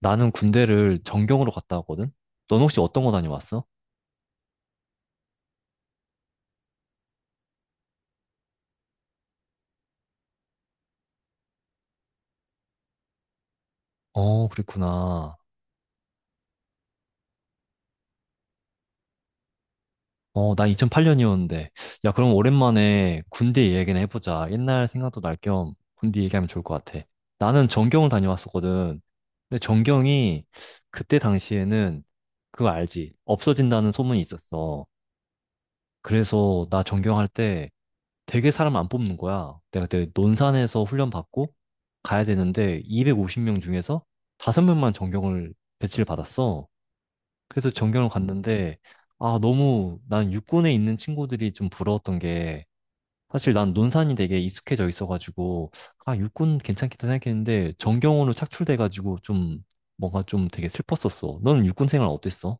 나는 군대를 전경으로 갔다 왔거든? 넌 혹시 어떤 거 다녀왔어? 어, 그랬구나. 어, 나 2008년이었는데. 야, 그럼 오랜만에 군대 얘기나 해보자. 옛날 생각도 날 겸 군대 얘기하면 좋을 것 같아. 나는 전경을 다녀왔었거든. 근데 전경이 그때 당시에는 그거 알지? 없어진다는 소문이 있었어. 그래서 나 전경할 때 되게 사람 안 뽑는 거야. 내가 그때 논산에서 훈련 받고 가야 되는데 250명 중에서 5명만 전경을 배치를 받았어. 그래서 전경을 갔는데 아, 너무 난 육군에 있는 친구들이 좀 부러웠던 게 사실 난 논산이 되게 익숙해져 있어가지고 아, 육군 괜찮겠다 생각했는데 전경으로 착출돼가지고 좀 뭔가 좀 되게 슬펐었어. 너는 육군 생활 어땠어?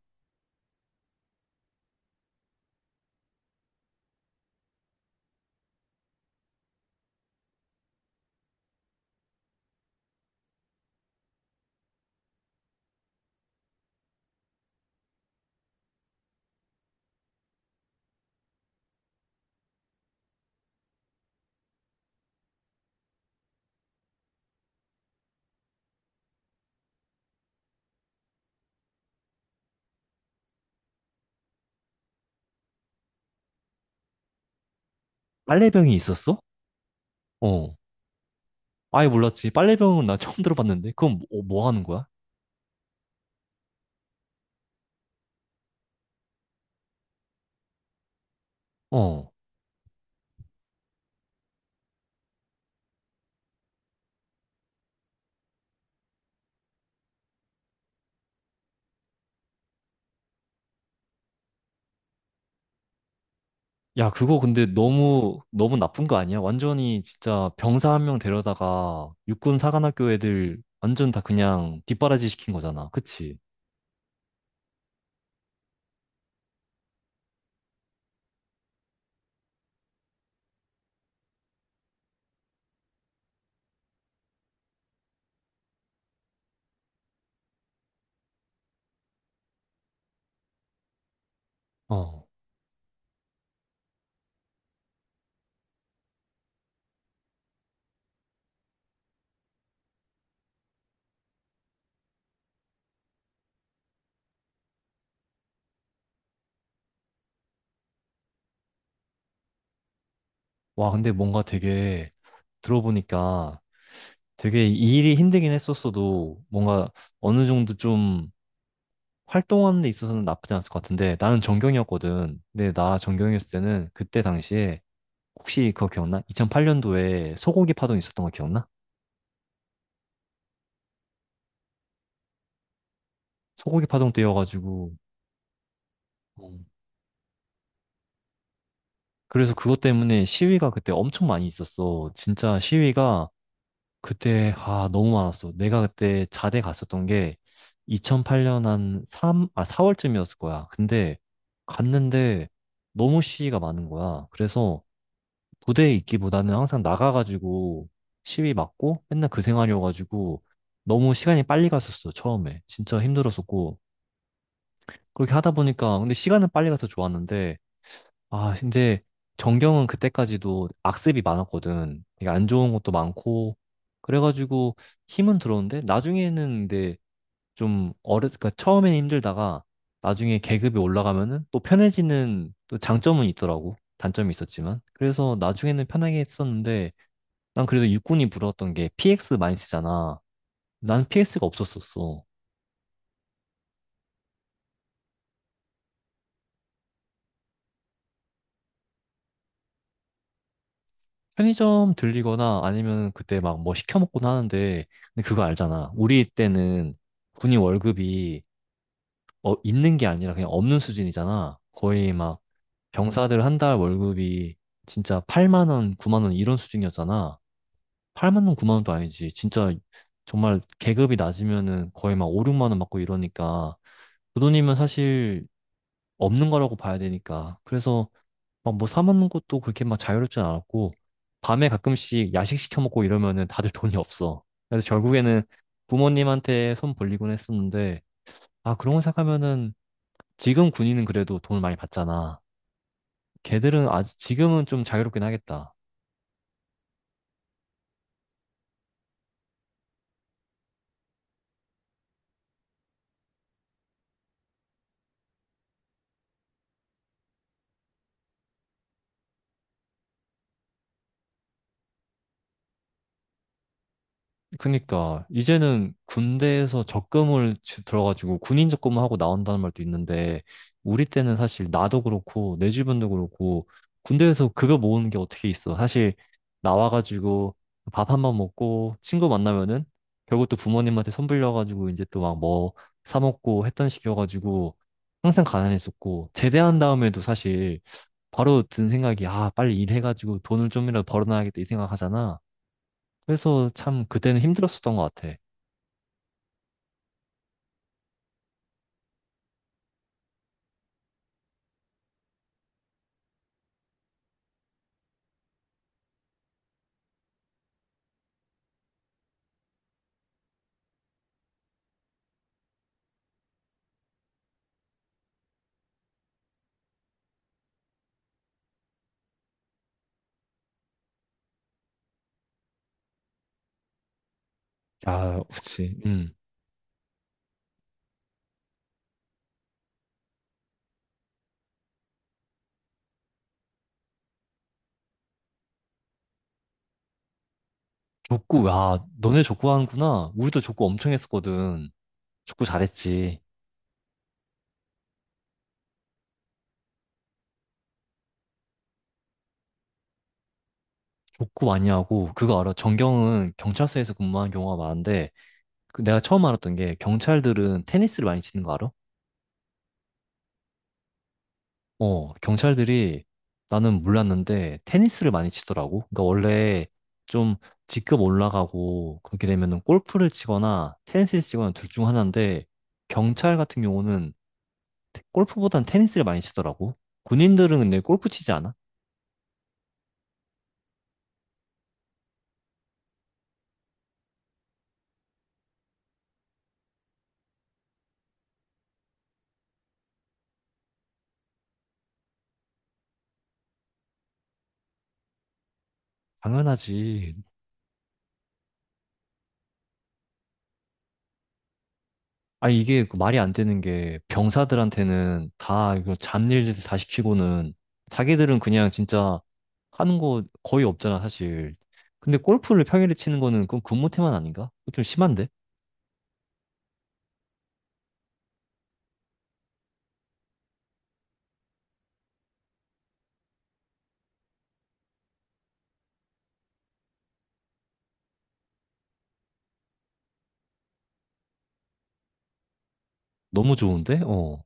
빨래병이 있었어? 어. 아예 몰랐지. 빨래병은 나 처음 들어봤는데 그건 뭐, 어, 뭐 하는 거야? 어. 야, 그거 근데 너무 나쁜 거 아니야? 완전히 진짜 병사 한 명 데려다가 육군 사관학교 애들 완전 다 그냥 뒷바라지 시킨 거잖아. 그치? 어. 와, 근데 뭔가 되게 들어보니까 되게 이 일이 힘들긴 했었어도 뭔가 어느 정도 좀 활동하는 데 있어서는 나쁘지 않았을 것 같은데 나는 전경이었거든. 근데 나 전경이었을 때는 그때 당시에 혹시 그거 기억나? 2008년도에 소고기 파동 있었던 거 기억나? 소고기 파동 때여가지고 그래서 그것 때문에 시위가 그때 엄청 많이 있었어. 진짜 시위가 그때, 아, 너무 많았어. 내가 그때 자대 갔었던 게 2008년 한 3, 아, 4월쯤이었을 거야. 근데 갔는데 너무 시위가 많은 거야. 그래서 부대에 있기보다는 항상 나가가지고 시위 맞고 맨날 그 생활이어가지고 너무 시간이 빨리 갔었어, 처음에. 진짜 힘들었었고. 그렇게 하다 보니까, 근데 시간은 빨리 가서 좋았는데, 아, 근데 전경은 그때까지도 악습이 많았거든. 되게 안 좋은 것도 많고. 그래가지고 힘은 들었는데 나중에는 근데 그러니까 처음엔 힘들다가 나중에 계급이 올라가면은 또 편해지는 또 장점은 있더라고. 단점이 있었지만. 그래서 나중에는 편하게 했었는데 난 그래도 육군이 부러웠던 게 PX 많이 쓰잖아. 난 PX가 없었었어. 편의점 들리거나 아니면 그때 막 뭐 시켜 먹곤 하는데 근데 그거 알잖아. 우리 때는 군인 월급이 어, 있는 게 아니라 그냥 없는 수준이잖아. 거의 막 병사들 한 달 월급이 진짜 8만 원, 9만 원 이런 수준이었잖아. 8만 원, 9만 원도 아니지. 진짜 정말 계급이 낮으면은 거의 막 5, 6만 원 받고 이러니까 그 돈이면 사실 없는 거라고 봐야 되니까. 그래서 막 뭐 사 먹는 것도 그렇게 막 자유롭진 않았고 밤에 가끔씩 야식 시켜 먹고 이러면은 다들 돈이 없어. 그래서 결국에는 부모님한테 손 벌리곤 했었는데 아 그런 거 생각하면은 지금 군인은 그래도 돈을 많이 받잖아. 걔들은 아직 지금은 좀 자유롭긴 하겠다. 그니까 이제는 군대에서 들어가지고 군인 적금을 하고 나온다는 말도 있는데 우리 때는 사실 나도 그렇고 내 주변도 그렇고 군대에서 급여 모으는 게 어떻게 있어. 사실 나와가지고 밥 한 번 먹고 친구 만나면은 결국 또 부모님한테 손 빌려가지고 이제 또 막 뭐 사 먹고 했던 식이어가지고 항상 가난했었고 제대한 다음에도 사실 바로 든 생각이 아 빨리 일해가지고 돈을 좀이라도 벌어놔야겠다 이 생각하잖아. 그래서 참 그때는 힘들었었던 것 같아. 아, 그치. 음. 족구, 와, 너네 족구 하는구나. 우리도 족구 엄청 했었거든. 족구 잘했지. 족구 많이 하고, 그거 알아? 전경은 경찰서에서 근무하는 경우가 많은데, 그 내가 처음 알았던 게, 경찰들은 테니스를 많이 치는 거 알아? 어, 경찰들이, 나는 몰랐는데, 테니스를 많이 치더라고. 그러니까 원래 좀 직급 올라가고, 그렇게 되면은 골프를 치거나, 테니스를 치거나 둘 중 하나인데, 경찰 같은 경우는 골프보단 테니스를 많이 치더라고. 군인들은 근데 골프 치지 않아? 당연하지. 아니, 이게 그 말이 안 되는 게 병사들한테는 다 이거 잡일들 다 시키고는 자기들은 그냥 진짜 하는 거 거의 없잖아, 사실. 근데 골프를 평일에 치는 거는 그건 근무 태만 아닌가? 그거 좀 심한데? 너무 좋은데? 어.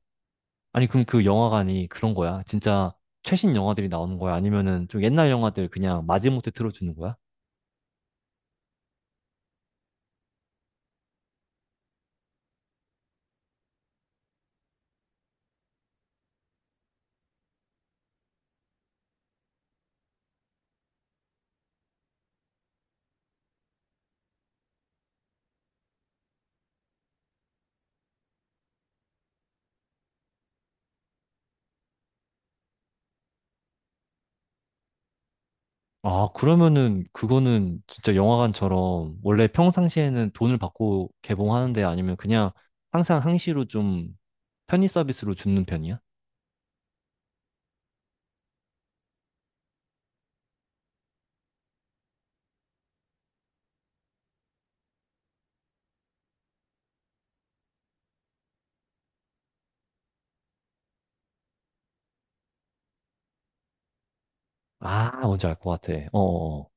아니, 그럼 그 영화관이 그런 거야? 진짜 최신 영화들이 나오는 거야? 아니면은 좀 옛날 영화들 그냥 마지못해 틀어주는 거야? 아, 그러면은 그거는 진짜 영화관처럼 원래 평상시에는 돈을 받고 개봉하는데 아니면 그냥 항상 항시로 좀 편의 서비스로 주는 편이야? 아, 뭔지 알 것 같아. 어어어.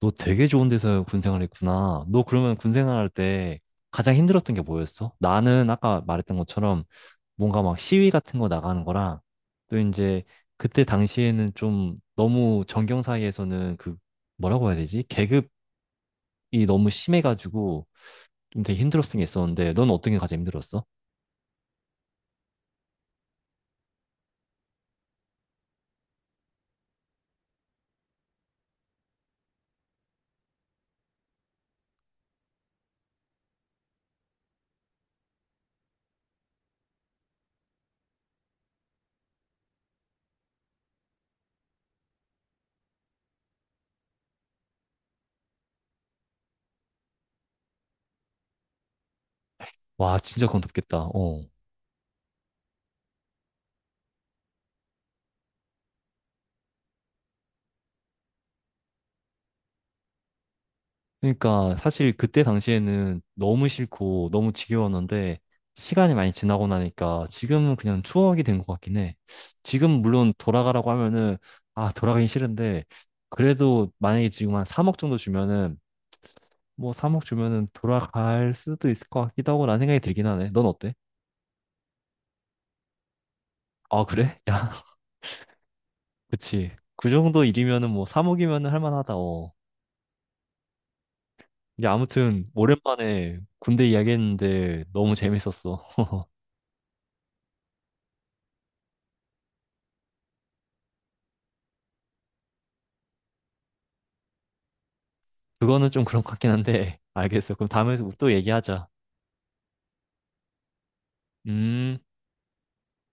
너 되게 좋은 데서 군생활 했구나. 너 그러면 군생활 할 때 가장 힘들었던 게 뭐였어? 나는 아까 말했던 것처럼 뭔가 막 시위 같은 거 나가는 거랑 또 이제 그때 당시에는 좀 너무 정경 사이에서는 그 뭐라고 해야 되지? 계급이 너무 심해가지고 좀 되게 힘들었던 게 있었는데, 넌 어떤 게 가장 힘들었어? 와, 진짜 그건 덥겠다. 어. 그러니까 사실 그때 당시에는 너무 싫고 너무 지겨웠는데, 시간이 많이 지나고 나니까 지금은 그냥 추억이 된 것 같긴 해. 지금 물론 돌아가라고 하면은, 아, 돌아가긴 싫은데, 그래도 만약에 지금 한 3억 정도 주면은, 뭐 3억 주면은 돌아갈 수도 있을 것 같기도 하고 라는 생각이 들긴 하네. 넌 어때? 아, 그래? 야, 그치. 그 정도 일이면은 뭐 3억이면은 할 만하다. 어. 이게 아무튼 오랜만에 군대 이야기했는데 너무 재밌었어. 그거는 좀 그런 것 같긴 한데 알겠어. 그럼 다음에 또 얘기하자. 음.